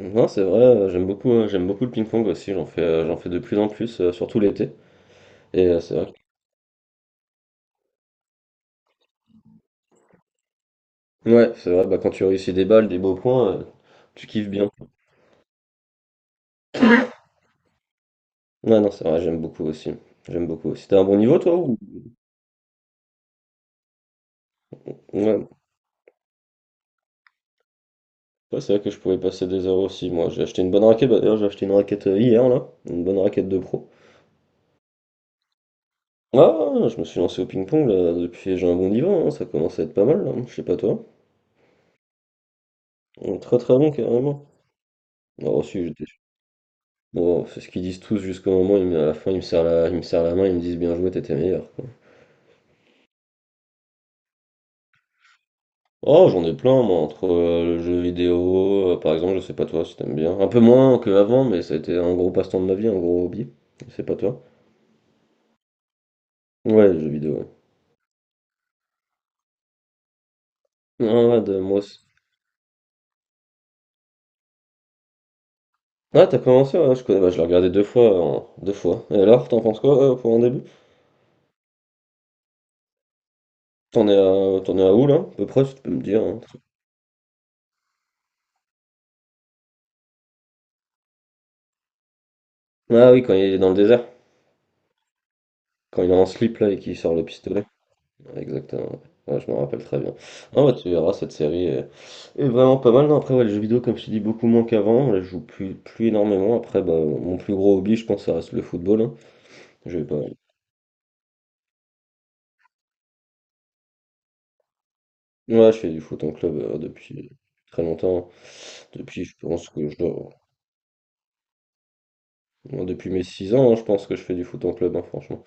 Non, c'est vrai, j'aime beaucoup le ping-pong aussi, j'en fais de plus en plus, surtout l'été. Et c'est vrai, ouais, c'est vrai, bah, quand tu réussis des balles, des beaux points, tu kiffes bien. Ouais, non, c'est vrai, j'aime beaucoup aussi. J'aime beaucoup aussi. T'as un bon niveau, toi, ou... Ouais, ouais, c'est vrai que je pouvais passer des heures aussi. Moi, j'ai acheté une bonne raquette, bah, d'ailleurs, j'ai acheté une raquette hier, là, une bonne raquette de pro. Ah, je me suis lancé au ping-pong, là, depuis, j'ai un bon niveau, hein, ça commence à être pas mal, là, je sais pas toi. Très très bon, carrément. Alors, aussi. Bon, c'est ce qu'ils disent tous jusqu'au moment où à la fin, ils me serrent la main, ils me disent bien joué, t'étais meilleur, quoi. Oh, j'en ai plein, moi, entre le jeu vidéo, par exemple, je sais pas toi si t'aimes bien. Un peu moins qu'avant, mais ça a été un gros passe-temps de ma vie, un gros hobby. Je sais pas toi. Ouais, le jeu vidéo, ouais. Ah, ouais, de moi aussi. Ah, t'as commencé, ouais, je connais, bah, je l'ai regardé deux fois, deux fois. Et alors, t'en penses quoi, pour un début? T'en es à où, là? À peu près, si tu peux me dire, hein. Ah oui, quand il est dans le désert, quand il est en slip, là, et qu'il sort le pistolet. Exactement, ouais. Ouais, je m'en rappelle très bien. Non, bah, tu verras, cette série est vraiment pas mal. Non, après, ouais, les jeux vidéo, comme je te dis, beaucoup moins qu'avant. Là, je joue plus énormément. Après, bah, mon plus gros hobby, je pense, ça reste le football, hein. Je vais pas... Ouais, je fais du foot en club depuis très longtemps. Depuis, je pense que je dois... Ouais, depuis mes 6 ans, hein, je pense que je fais du foot en club, hein, franchement.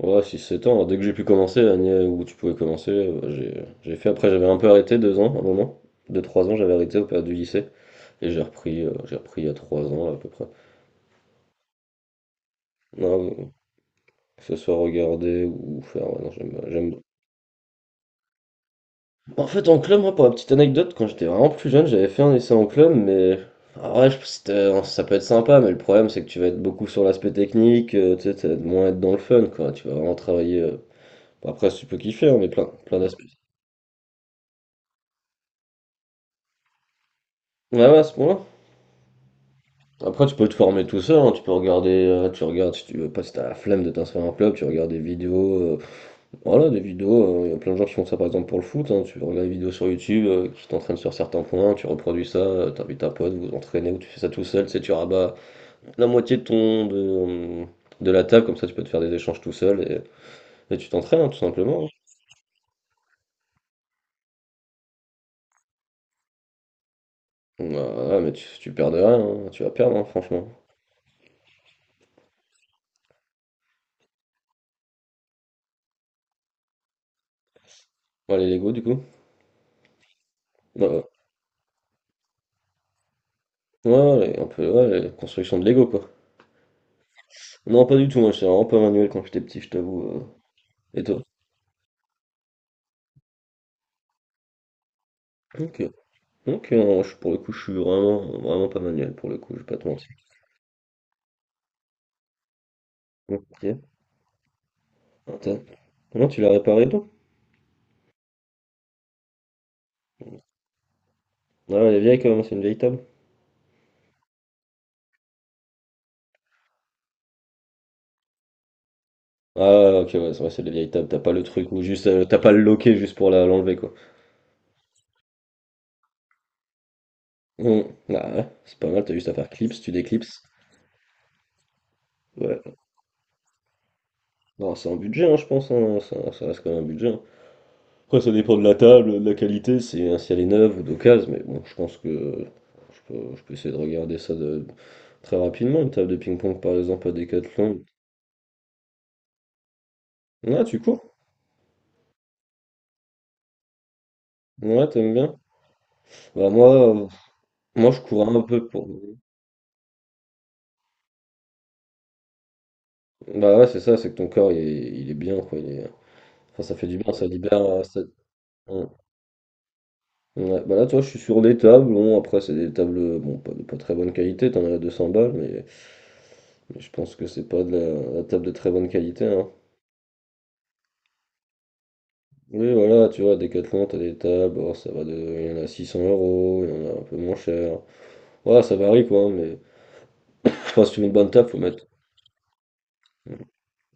Ouais, 6-7 ans, dès que j'ai pu commencer, l'année où tu pouvais commencer, j'ai fait. Après, j'avais un peu arrêté 2 ans, un moment. 2-3 ans, j'avais arrêté au période du lycée. Et j'ai repris il y a 3 ans, à peu près. Non, que ce soit regarder ou faire. Ouais, non, j'aime... En fait, en club, moi, pour la petite anecdote, quand j'étais vraiment plus jeune, j'avais fait un essai en club, mais. En vrai, hein, ça peut être sympa, mais le problème, c'est que tu vas être beaucoup sur l'aspect technique, tu sais, moins être dans le fun, quoi. Tu vas vraiment travailler. Après, si tu peux kiffer, hein, mais plein, plein d'aspects. Ouais, ouais, à ce point-là. Après, tu peux te former tout seul, hein, tu peux regarder, tu regardes, si tu veux pas, si t'as la flemme de t'inscrire à un club, tu regardes des vidéos, voilà, des vidéos, il y a plein de gens qui font ça par exemple pour le foot, hein, tu regardes des vidéos sur YouTube qui t'entraînent sur certains points, tu reproduis ça, t'invites un pote, vous vous entraînez ou tu fais ça tout seul, tu sais, tu rabats la moitié de ton, euh, de la table, comme ça tu peux te faire des échanges tout seul et tu t'entraînes, hein, tout simplement, hein. Voilà, mais tu perds de rien, hein, tu vas perdre, hein, franchement. Ouais, les Lego du coup. Ouais, ouais, ouais, un peu, ouais, les constructions de Lego, quoi. Non, pas du tout, moi j'étais vraiment pas manuel quand j'étais petit, je t'avoue. Et toi? Ok. Ok, non, pour le coup, je suis vraiment, vraiment pas manuel, pour le coup, je vais pas te mentir. Ok. Attends. Non, tu l'as réparé toi? Ah, elle est vieille quand même, c'est une vieille table. Ah, ouais, ouais, ok, ouais, c'est vrai, c'est des vieilles tables, t'as pas le truc ou juste, t'as pas le loquet juste pour l'enlever, quoi. Hum. Ah, ouais, c'est pas mal, t'as juste à faire clips, tu déclipses. Ouais. Non, c'est un budget, hein, je pense, hein, ça reste quand même un budget, hein. Après, ça dépend de la table, de la qualité, c'est, si elle est neuve ou d'occasion, mais bon, je pense que. Je peux essayer de regarder ça de, très rapidement, une table de ping-pong par exemple à Decathlon. Ouais, tu cours? Ouais, t'aimes bien? Bah moi je cours un peu pour. Bah ouais, c'est ça, c'est que ton corps il est bien, quoi. Enfin, ça fait du bien, ça libère. Ouais. Ouais, bah là, toi, je suis sur des tables. Bon, après, c'est des tables, bon, pas très bonne qualité. T'en as à 200 balles, mais je pense que c'est pas de la table de très bonne qualité, hein. Oui, voilà, tu vois, Decathlon, t'as des tables. Oh, il y en a 600 euros, il y en a un peu moins cher. Voilà, ça varie quoi, mais. Enfin, si tu veux une bonne table, faut mettre.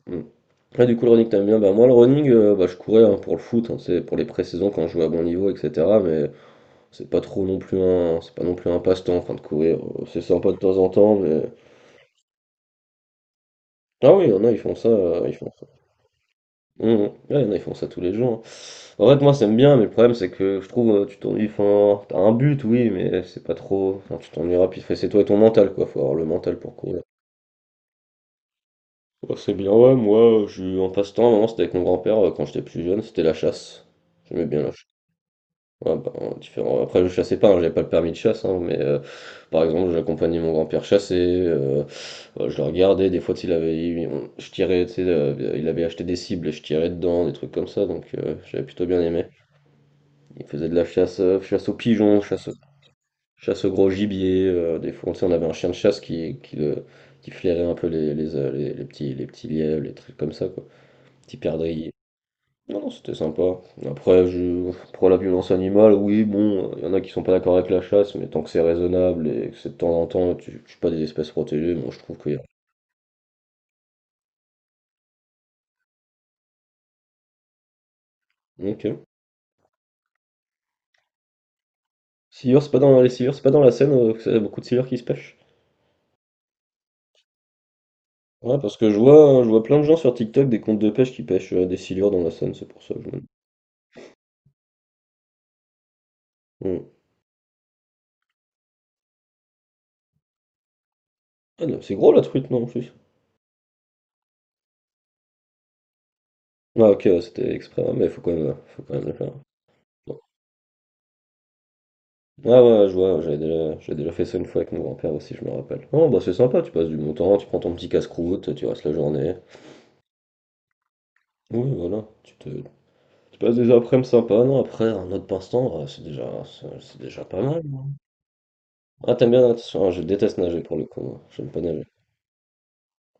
Mm. Ouais, du coup, le running, t'aimes bien. Bah, moi, le running, bah, je courais hein, pour le foot, hein, c'est pour les pré-saisons quand je jouais à bon niveau, etc. Mais c'est pas non plus un passe-temps, enfin, de courir. C'est sympa de temps en temps, mais. Ah oui, il y en a, ils font ça. Mm, mm. Ouais, il y en a, ils font ça tous les jours, hein. En fait, moi, ça me bien, mais le problème, c'est que je trouve, tu t'ennuies, enfin, t'as un but, oui, mais c'est pas trop. Enfin, tu t'ennuieras, puis c'est toi et ton mental, quoi. Faut avoir le mental pour courir. Ouais, c'est bien, ouais, moi, je suis en passe-temps, à un moment, c'était avec mon grand-père, quand j'étais plus jeune, c'était la chasse. J'aimais bien la. Ouais, bah, en différent. Après, je chassais pas, hein, j'avais pas le permis de chasse, hein, mais par exemple, j'accompagnais mon grand-père chasser, euh, je le regardais, des fois, il avait, je tirais, tu sais, il avait acheté des cibles et je tirais dedans, des trucs comme ça, donc j'avais plutôt bien aimé. Il faisait de la chasse, chasse aux pigeons, chasse au gros gibier, des fois, tu sais, on avait un chien de chasse qui flairait un peu les petits lièvres, les trucs comme ça, quoi, petits perdrix. Non, non, c'était sympa. Après, je... pour la violence animale, oui, bon, il y en a qui sont pas d'accord avec la chasse, mais tant que c'est raisonnable et que c'est de temps en temps, tu tues pas des espèces protégées, moi je trouve qu'il y a. Ok. Scieur, c'est pas dans les scieurs, c'est pas dans la Seine, que c'est y a beaucoup de scieurs qui se pêchent. Ouais, parce que je vois, hein, je vois plein de gens sur TikTok des comptes de pêche qui pêchent des silures dans la Seine, c'est pour ça que je me dis. Hmm. Ah, non, c'est gros la truite, non, en plus. Ah, ok, ouais, c'était exprès, ouais, mais faut quand même le faire. Bon. Ouais, ouais, ouais, je vois, j'avais déjà fait ça une fois avec mon grand-père aussi, je me rappelle. Oh, bah c'est sympa, tu passes du bon temps, tu prends ton petit casse-croûte, tu restes la journée. Oui, voilà, tu passes des après-midi sympas, non, après, un autre passe-temps, c'est déjà pas mal, hein. Ah, t'aimes bien, nager? Ah, je déteste nager pour le coup, moi, j'aime pas nager.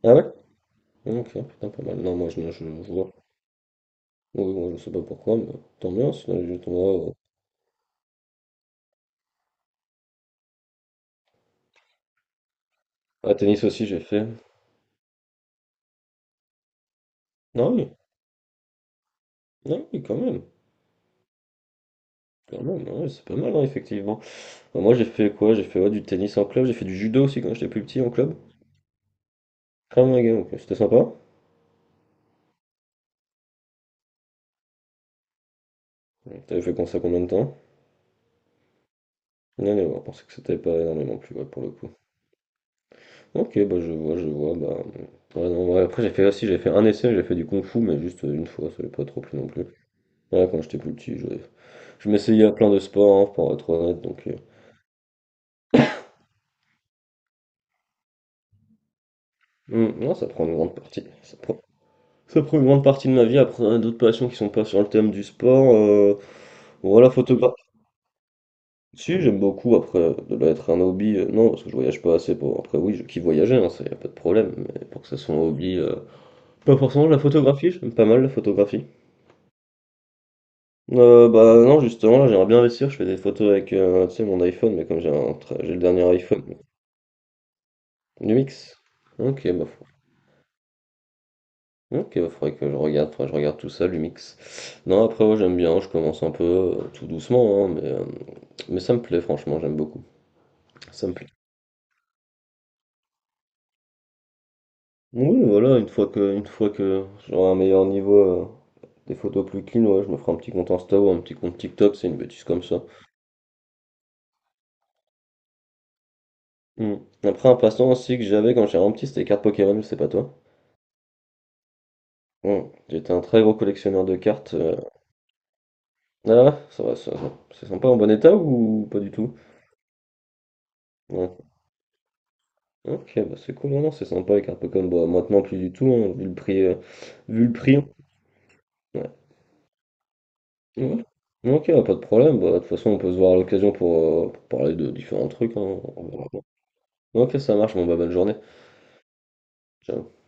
Ah ouais? Ok, putain, pas mal. Non, moi, je, nage, je vois. Oui, moi, je sais pas pourquoi, mais tant mieux, sinon, juste moi, Ah, tennis aussi, j'ai fait. Non, oui, non, oui, quand même, ouais, c'est pas mal, hein, effectivement. Bah, moi j'ai fait quoi? J'ai fait ouais, du tennis en club, j'ai fait du judo aussi quand j'étais plus petit en club. Ah mon gars, ok, c'était sympa. Ouais, t'avais fait comme ça combien de temps? Non, on pensait que c'était pas énormément plus ouais, pour le coup. Ok, bah je vois, bah. Ouais, non, ouais, après j'ai fait aussi, j'ai fait un essai, j'ai fait du kung fu, mais juste une fois, ça n'avait pas trop plu non plus. Ouais, quand j'étais plus petit, je m'essayais à plein de sports, hein, pour être honnête, donc. Hum, non, ça prend une grande partie. Ça prend une grande partie de ma vie, après d'autres passions qui sont pas sur le thème du sport. Voilà, photographe. Si, j'aime beaucoup, après, ça doit être un hobby, non, parce que je voyage pas assez pour... Après, oui, je kiffe voyager, hein, ça, y a pas de problème, mais pour que ça soit un hobby... Pas forcément la photographie, j'aime pas mal la photographie. Bah non, justement, là, j'aimerais bien investir, je fais des photos avec, tu sais, mon iPhone, mais comme j'ai j'ai le dernier iPhone, Lumix. Ok, bah, ok, bah, faudrait que je regarde, faudrait que je regarde tout ça, Lumix. Non, après, ouais, j'aime bien, je commence un peu, tout doucement, hein, mais ça me plaît, franchement, j'aime beaucoup. Ça me plaît. Oui, voilà, une fois que j'aurai un meilleur niveau, des photos plus clean, ouais, je me ferai un petit compte Insta ou un petit compte TikTok, c'est une bêtise comme ça. Hmm. Après, un passe-temps aussi que j'avais quand j'étais vraiment petit, c'était les cartes Pokémon, je sais pas toi. Hmm. J'étais un très gros collectionneur de cartes. Ah, ça va, ça va. C'est sympa en bon état ou pas du tout? Ouais. Ok, bah c'est cool, non, non, c'est sympa les cartes Pokémon. Bon, maintenant plus du tout, hein, vu le prix. Ouais. Ouais. Ok, bah, pas de problème. Bah, de toute façon, on peut se voir à l'occasion pour parler de différents trucs, hein. On verra. Ok, ça marche, bon bah bonne journée. Ciao.